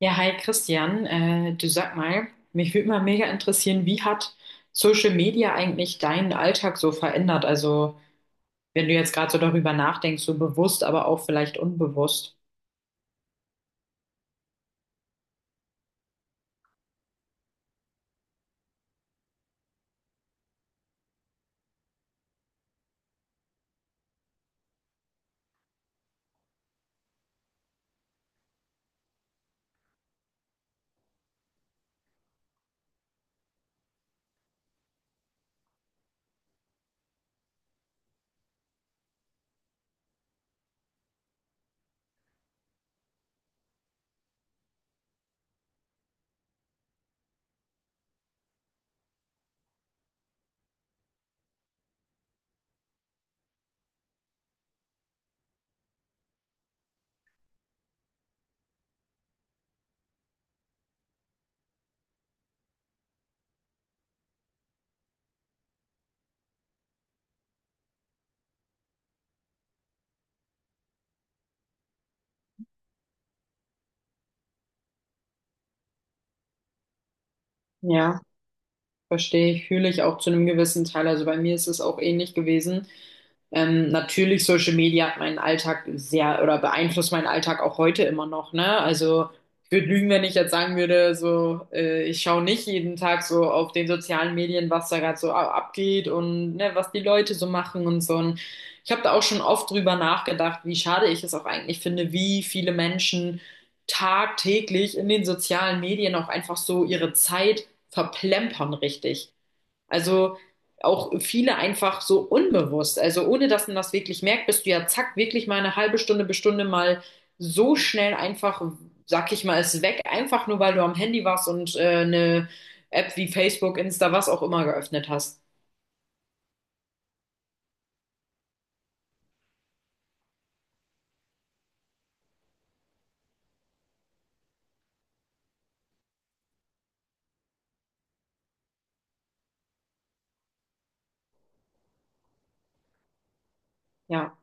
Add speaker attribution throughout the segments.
Speaker 1: Ja, hi Christian, du sag mal, mich würde mal mega interessieren, wie hat Social Media eigentlich deinen Alltag so verändert? Also, wenn du jetzt gerade so darüber nachdenkst, so bewusst, aber auch vielleicht unbewusst. Ja, verstehe ich, fühle ich auch zu einem gewissen Teil. Also bei mir ist es auch ähnlich gewesen. Natürlich, Social Media hat meinen Alltag sehr oder beeinflusst meinen Alltag auch heute immer noch, ne? Also ich würde lügen, wenn ich jetzt sagen würde, so ich schaue nicht jeden Tag so auf den sozialen Medien, was da gerade so abgeht und ne, was die Leute so machen und so. Und ich habe da auch schon oft drüber nachgedacht, wie schade ich es auch eigentlich finde, wie viele Menschen tagtäglich in den sozialen Medien auch einfach so ihre Zeit verplempern, richtig. Also auch viele einfach so unbewusst. Also ohne dass man das wirklich merkt, bist du ja zack, wirklich mal eine halbe Stunde bis Stunde mal so schnell einfach, sag ich mal, ist weg, einfach nur weil du am Handy warst und eine App wie Facebook, Insta, was auch immer geöffnet hast. Ja.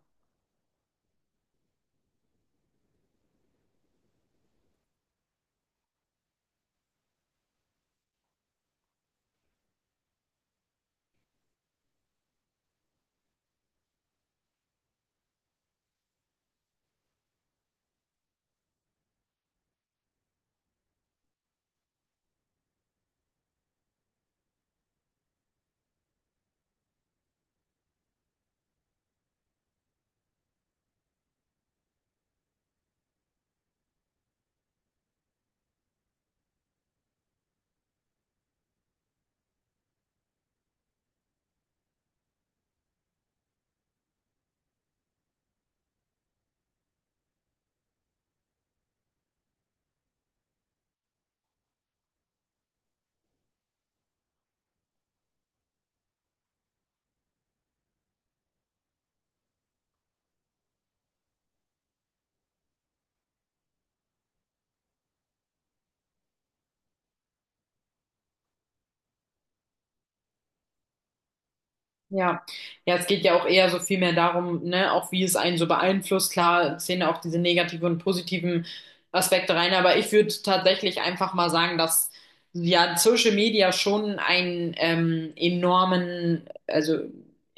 Speaker 1: Ja, ja, es geht ja auch eher so viel mehr darum, ne, auch wie es einen so beeinflusst. Klar zählen da auch diese negativen und positiven Aspekte rein, aber ich würde tatsächlich einfach mal sagen, dass ja Social Media schon einen enormen, also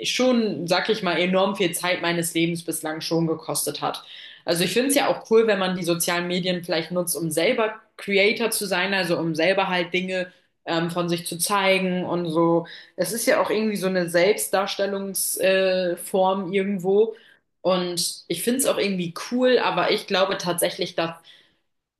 Speaker 1: schon, sag ich mal, enorm viel Zeit meines Lebens bislang schon gekostet hat. Also ich finde es ja auch cool, wenn man die sozialen Medien vielleicht nutzt, um selber Creator zu sein, also um selber halt Dinge von sich zu zeigen und so, es ist ja auch irgendwie so eine Selbstdarstellungsform irgendwo. Und ich finde es auch irgendwie cool, aber ich glaube tatsächlich, dass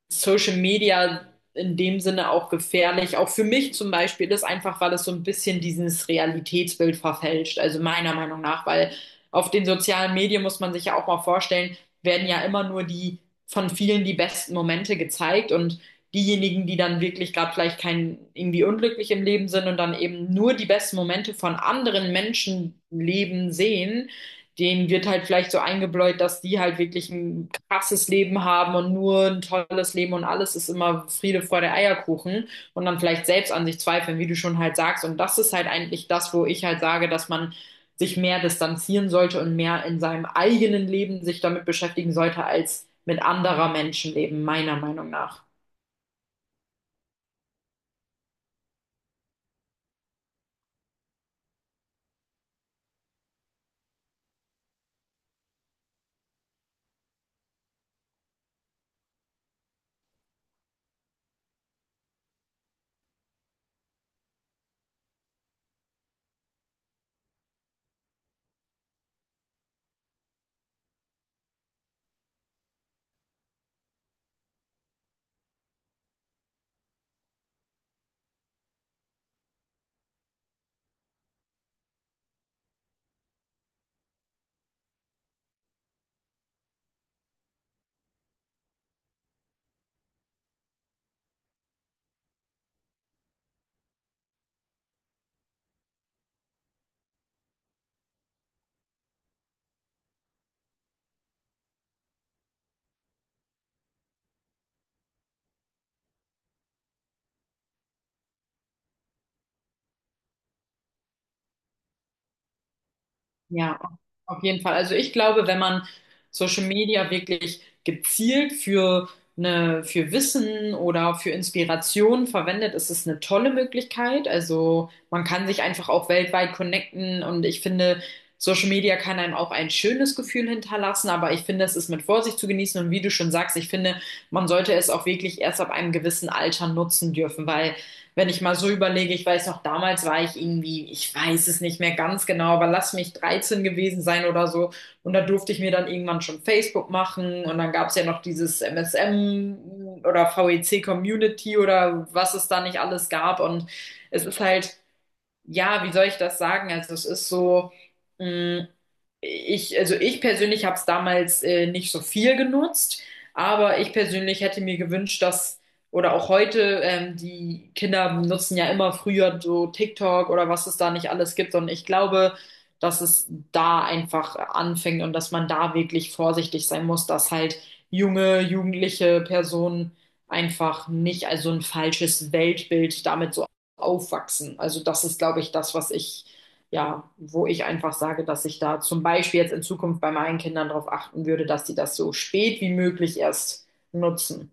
Speaker 1: Social Media in dem Sinne auch gefährlich. Auch für mich zum Beispiel ist einfach, weil es so ein bisschen dieses Realitätsbild verfälscht. Also meiner Meinung nach, weil auf den sozialen Medien muss man sich ja auch mal vorstellen, werden ja immer nur die von vielen die besten Momente gezeigt und diejenigen, die dann wirklich gerade vielleicht kein irgendwie unglücklich im Leben sind und dann eben nur die besten Momente von anderen Menschenleben sehen, denen wird halt vielleicht so eingebläut, dass die halt wirklich ein krasses Leben haben und nur ein tolles Leben und alles ist immer Friede, Freude, Eierkuchen und dann vielleicht selbst an sich zweifeln, wie du schon halt sagst. Und das ist halt eigentlich das, wo ich halt sage, dass man sich mehr distanzieren sollte und mehr in seinem eigenen Leben sich damit beschäftigen sollte als mit anderer Menschenleben, meiner Meinung nach. Ja, auf jeden Fall. Also ich glaube, wenn man Social Media wirklich gezielt für eine, für Wissen oder für Inspiration verwendet, ist es eine tolle Möglichkeit. Also man kann sich einfach auch weltweit connecten und ich finde, Social Media kann einem auch ein schönes Gefühl hinterlassen, aber ich finde, es ist mit Vorsicht zu genießen und wie du schon sagst, ich finde, man sollte es auch wirklich erst ab einem gewissen Alter nutzen dürfen, weil wenn ich mal so überlege, ich weiß noch, damals war ich irgendwie, ich weiß es nicht mehr ganz genau, aber lass mich 13 gewesen sein oder so. Und da durfte ich mir dann irgendwann schon Facebook machen und dann gab es ja noch dieses MSM oder VEC Community oder was es da nicht alles gab. Und es ist halt, ja, wie soll ich das sagen? Also es ist so, mh, ich, also ich persönlich habe es damals nicht so viel genutzt, aber ich persönlich hätte mir gewünscht, dass, oder auch heute, die Kinder nutzen ja immer früher so TikTok oder was es da nicht alles gibt. Und ich glaube, dass es da einfach anfängt und dass man da wirklich vorsichtig sein muss, dass halt junge, jugendliche Personen einfach nicht also ein falsches Weltbild damit so aufwachsen. Also das ist, glaube ich, das, was ich, ja, wo ich einfach sage, dass ich da zum Beispiel jetzt in Zukunft bei meinen Kindern darauf achten würde, dass sie das so spät wie möglich erst nutzen.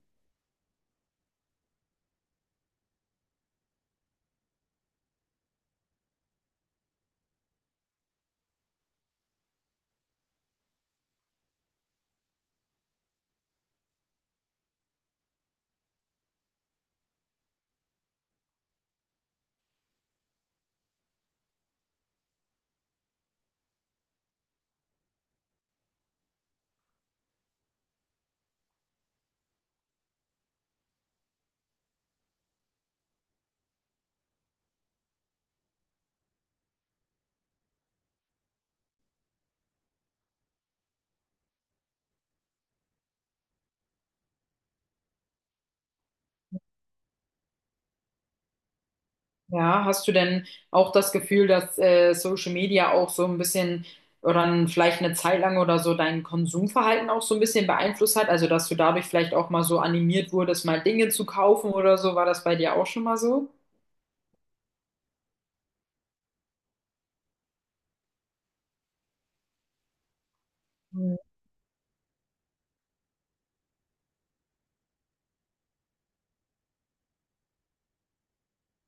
Speaker 1: Ja, hast du denn auch das Gefühl, dass Social Media auch so ein bisschen oder vielleicht eine Zeit lang oder so dein Konsumverhalten auch so ein bisschen beeinflusst hat? Also, dass du dadurch vielleicht auch mal so animiert wurdest, mal Dinge zu kaufen oder so? War das bei dir auch schon mal so?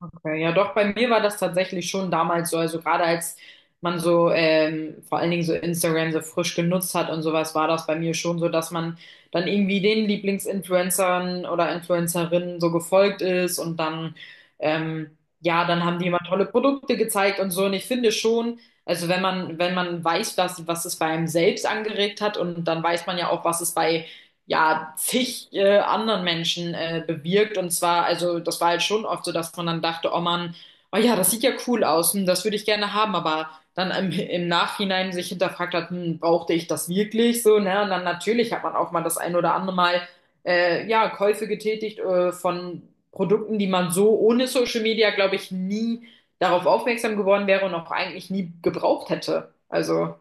Speaker 1: Okay, ja doch, bei mir war das tatsächlich schon damals so, also gerade als man so vor allen Dingen so Instagram so frisch genutzt hat und sowas, war das bei mir schon so, dass man dann irgendwie den Lieblingsinfluencern oder Influencerinnen so gefolgt ist und dann, ähm, ja, dann haben die immer tolle Produkte gezeigt und so und ich finde schon, also wenn man, wenn man weiß, dass, was es bei einem selbst angeregt hat und dann weiß man ja auch, was es bei ja, zig anderen Menschen bewirkt. Und zwar, also das war halt schon oft so, dass man dann dachte, oh Mann, oh ja, das sieht ja cool aus, hm, das würde ich gerne haben, aber dann im Nachhinein sich hinterfragt hat, hm, brauchte ich das wirklich so, ne? Und dann natürlich hat man auch mal das ein oder andere Mal ja, Käufe getätigt von Produkten, die man so ohne Social Media, glaube ich, nie darauf aufmerksam geworden wäre und auch eigentlich nie gebraucht hätte. Also,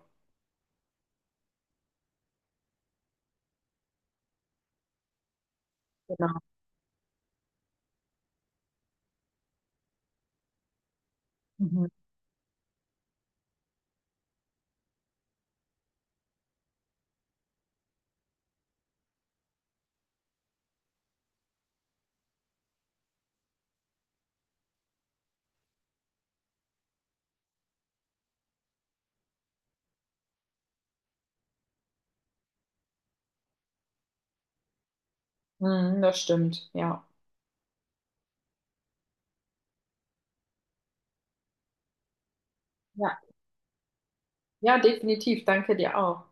Speaker 1: genau. Mhm. Mhm, das stimmt, ja. Ja, definitiv. Danke dir auch.